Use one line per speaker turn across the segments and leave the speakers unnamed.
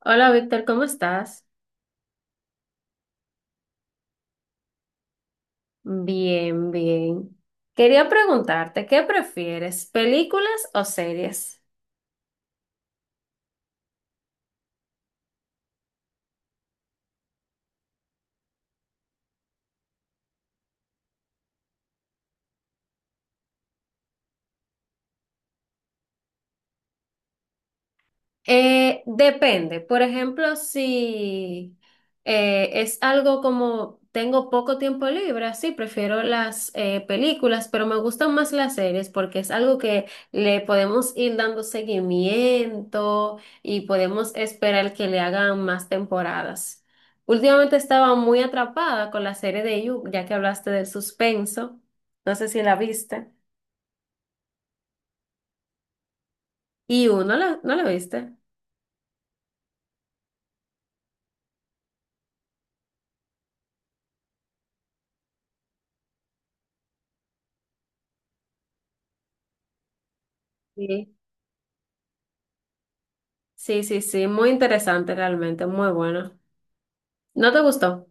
Hola Víctor, ¿cómo estás? Bien, bien. Quería preguntarte, ¿qué prefieres, películas o series? Depende. Por ejemplo, si es algo como tengo poco tiempo libre, así prefiero las películas, pero me gustan más las series porque es algo que le podemos ir dando seguimiento y podemos esperar que le hagan más temporadas. Últimamente estaba muy atrapada con la serie de You, ya que hablaste del suspenso. No sé si la viste. Y no la viste. Sí. Sí, sí, sí, muy interesante realmente, muy bueno. ¿No te gustó?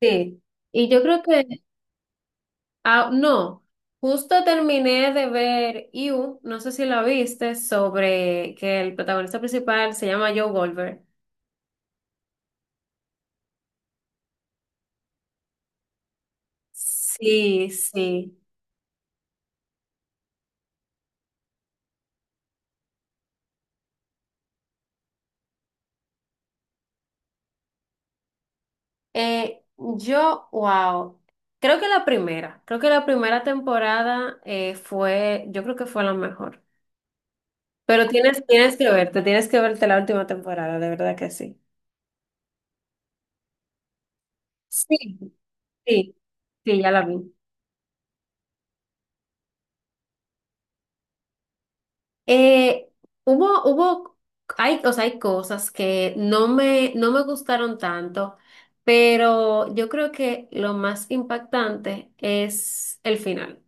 Sí. Y yo creo que, no, justo terminé de ver You, no sé si la viste, sobre que el protagonista principal se llama Joe Goldberg. Sí, sí. Yo, wow, creo que la primera temporada yo creo que fue la mejor. Pero tienes que verte, tienes que verte la última temporada, de verdad que sí. Sí. Sí, sí, ya la vi. Eh, hubo, hubo, hay, o sea, hay cosas que no me gustaron tanto, pero yo creo que lo más impactante es el final.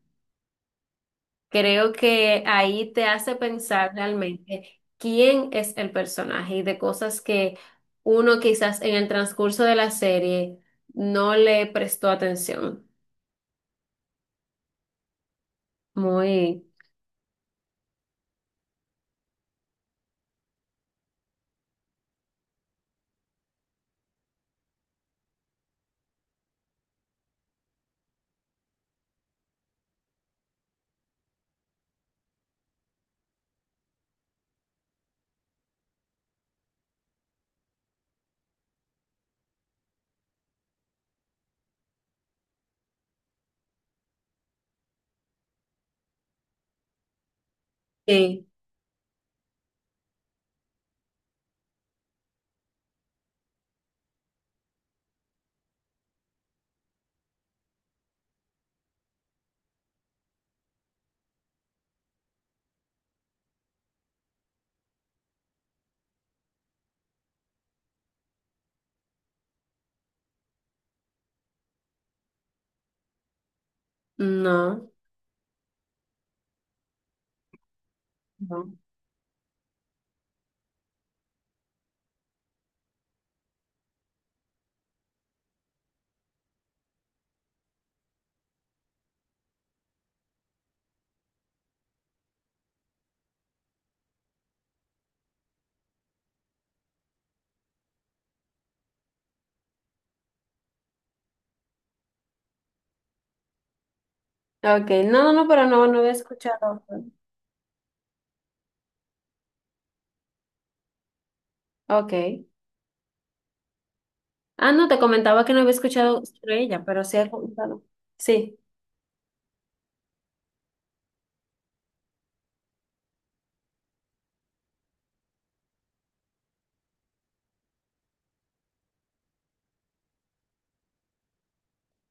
Creo que ahí te hace pensar realmente quién es el personaje y de cosas que uno quizás en el transcurso de la serie no le prestó atención. Muy, sí, no. No. Ok, no, no, no, pero no, no había escuchado. Ok. Ah, no, te comentaba que no había escuchado sobre ella, pero sí he comentado. Sí,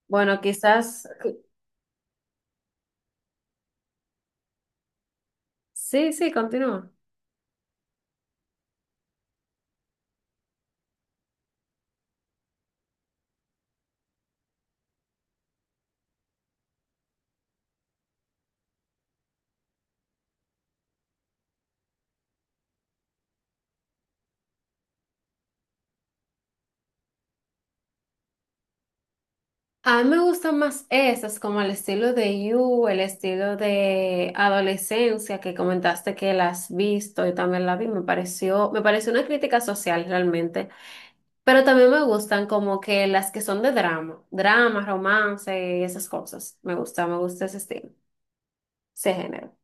bueno, quizás. Sí, sí, continúa. A mí me gustan más esas, como el estilo de You, el estilo de adolescencia que comentaste que la has visto, yo también la vi, me pareció una crítica social realmente, pero también me gustan como que las que son de drama, drama, romance y esas cosas. Me gusta ese estilo, ese género.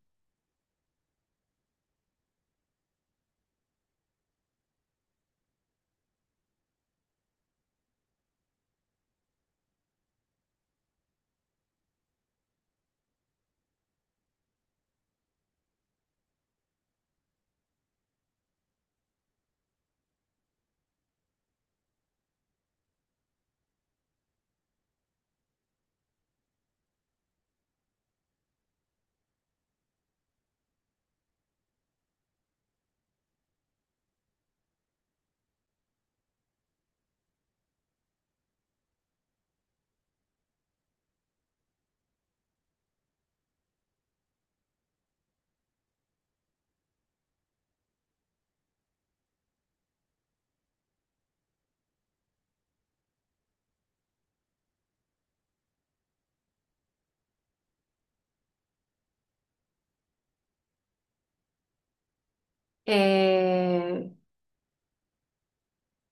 Eh,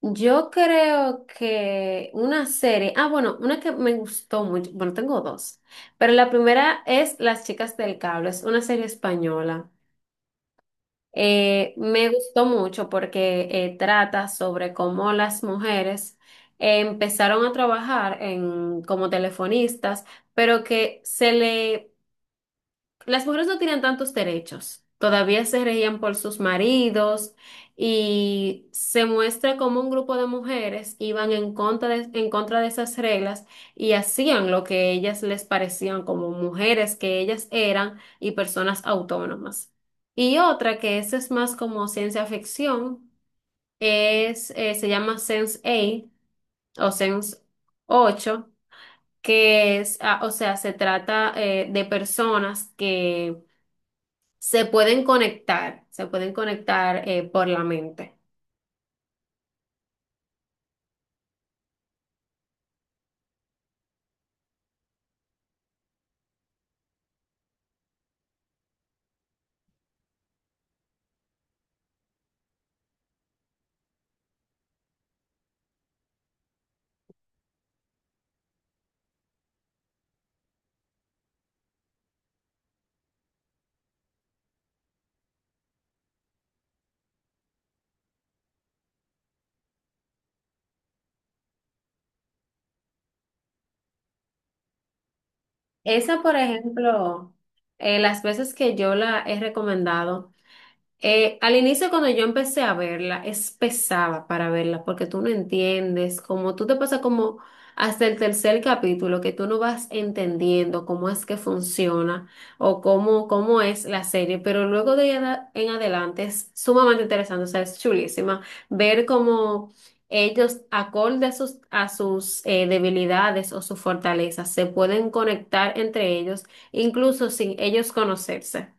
yo creo que una serie, bueno, una que me gustó mucho, bueno, tengo dos, pero la primera es Las Chicas del Cable, es una serie española. Me gustó mucho porque trata sobre cómo las mujeres empezaron a trabajar en, como telefonistas, pero que se le Las mujeres no tenían tantos derechos. Todavía se regían por sus maridos y se muestra como un grupo de mujeres iban en contra de esas reglas y hacían lo que ellas les parecían como mujeres que ellas eran y personas autónomas. Y otra que esa es más como ciencia ficción, se llama Sense8 o Sense ocho que es, o sea, se trata de personas que se pueden conectar por la mente. Esa, por ejemplo, las veces que yo la he recomendado. Al inicio, cuando yo empecé a verla, es pesada para verla porque tú no entiendes, como tú te pasas como hasta el tercer capítulo que tú no vas entendiendo cómo es que funciona o cómo es la serie, pero luego de ahí en adelante es sumamente interesante, o sea, es chulísima ver cómo ellos, acorde a sus, debilidades o sus fortalezas, se pueden conectar entre ellos, incluso sin ellos conocerse.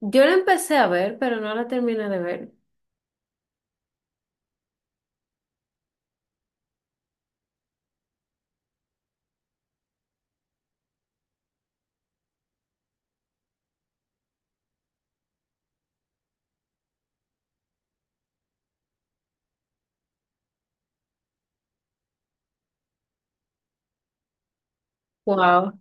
Yo la empecé a ver, pero no la terminé de ver. Wow.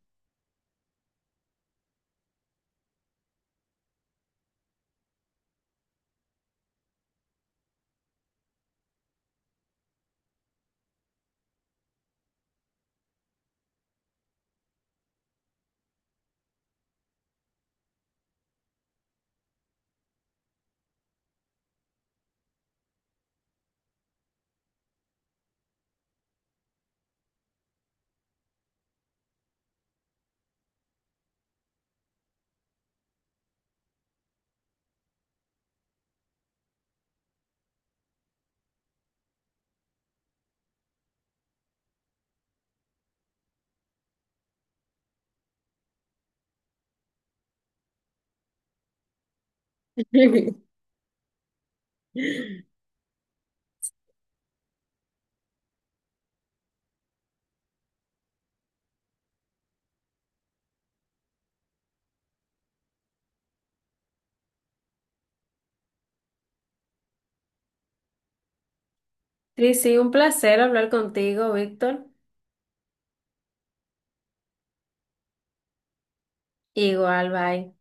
Sí, sí, un placer hablar contigo, Víctor. Igual, bye.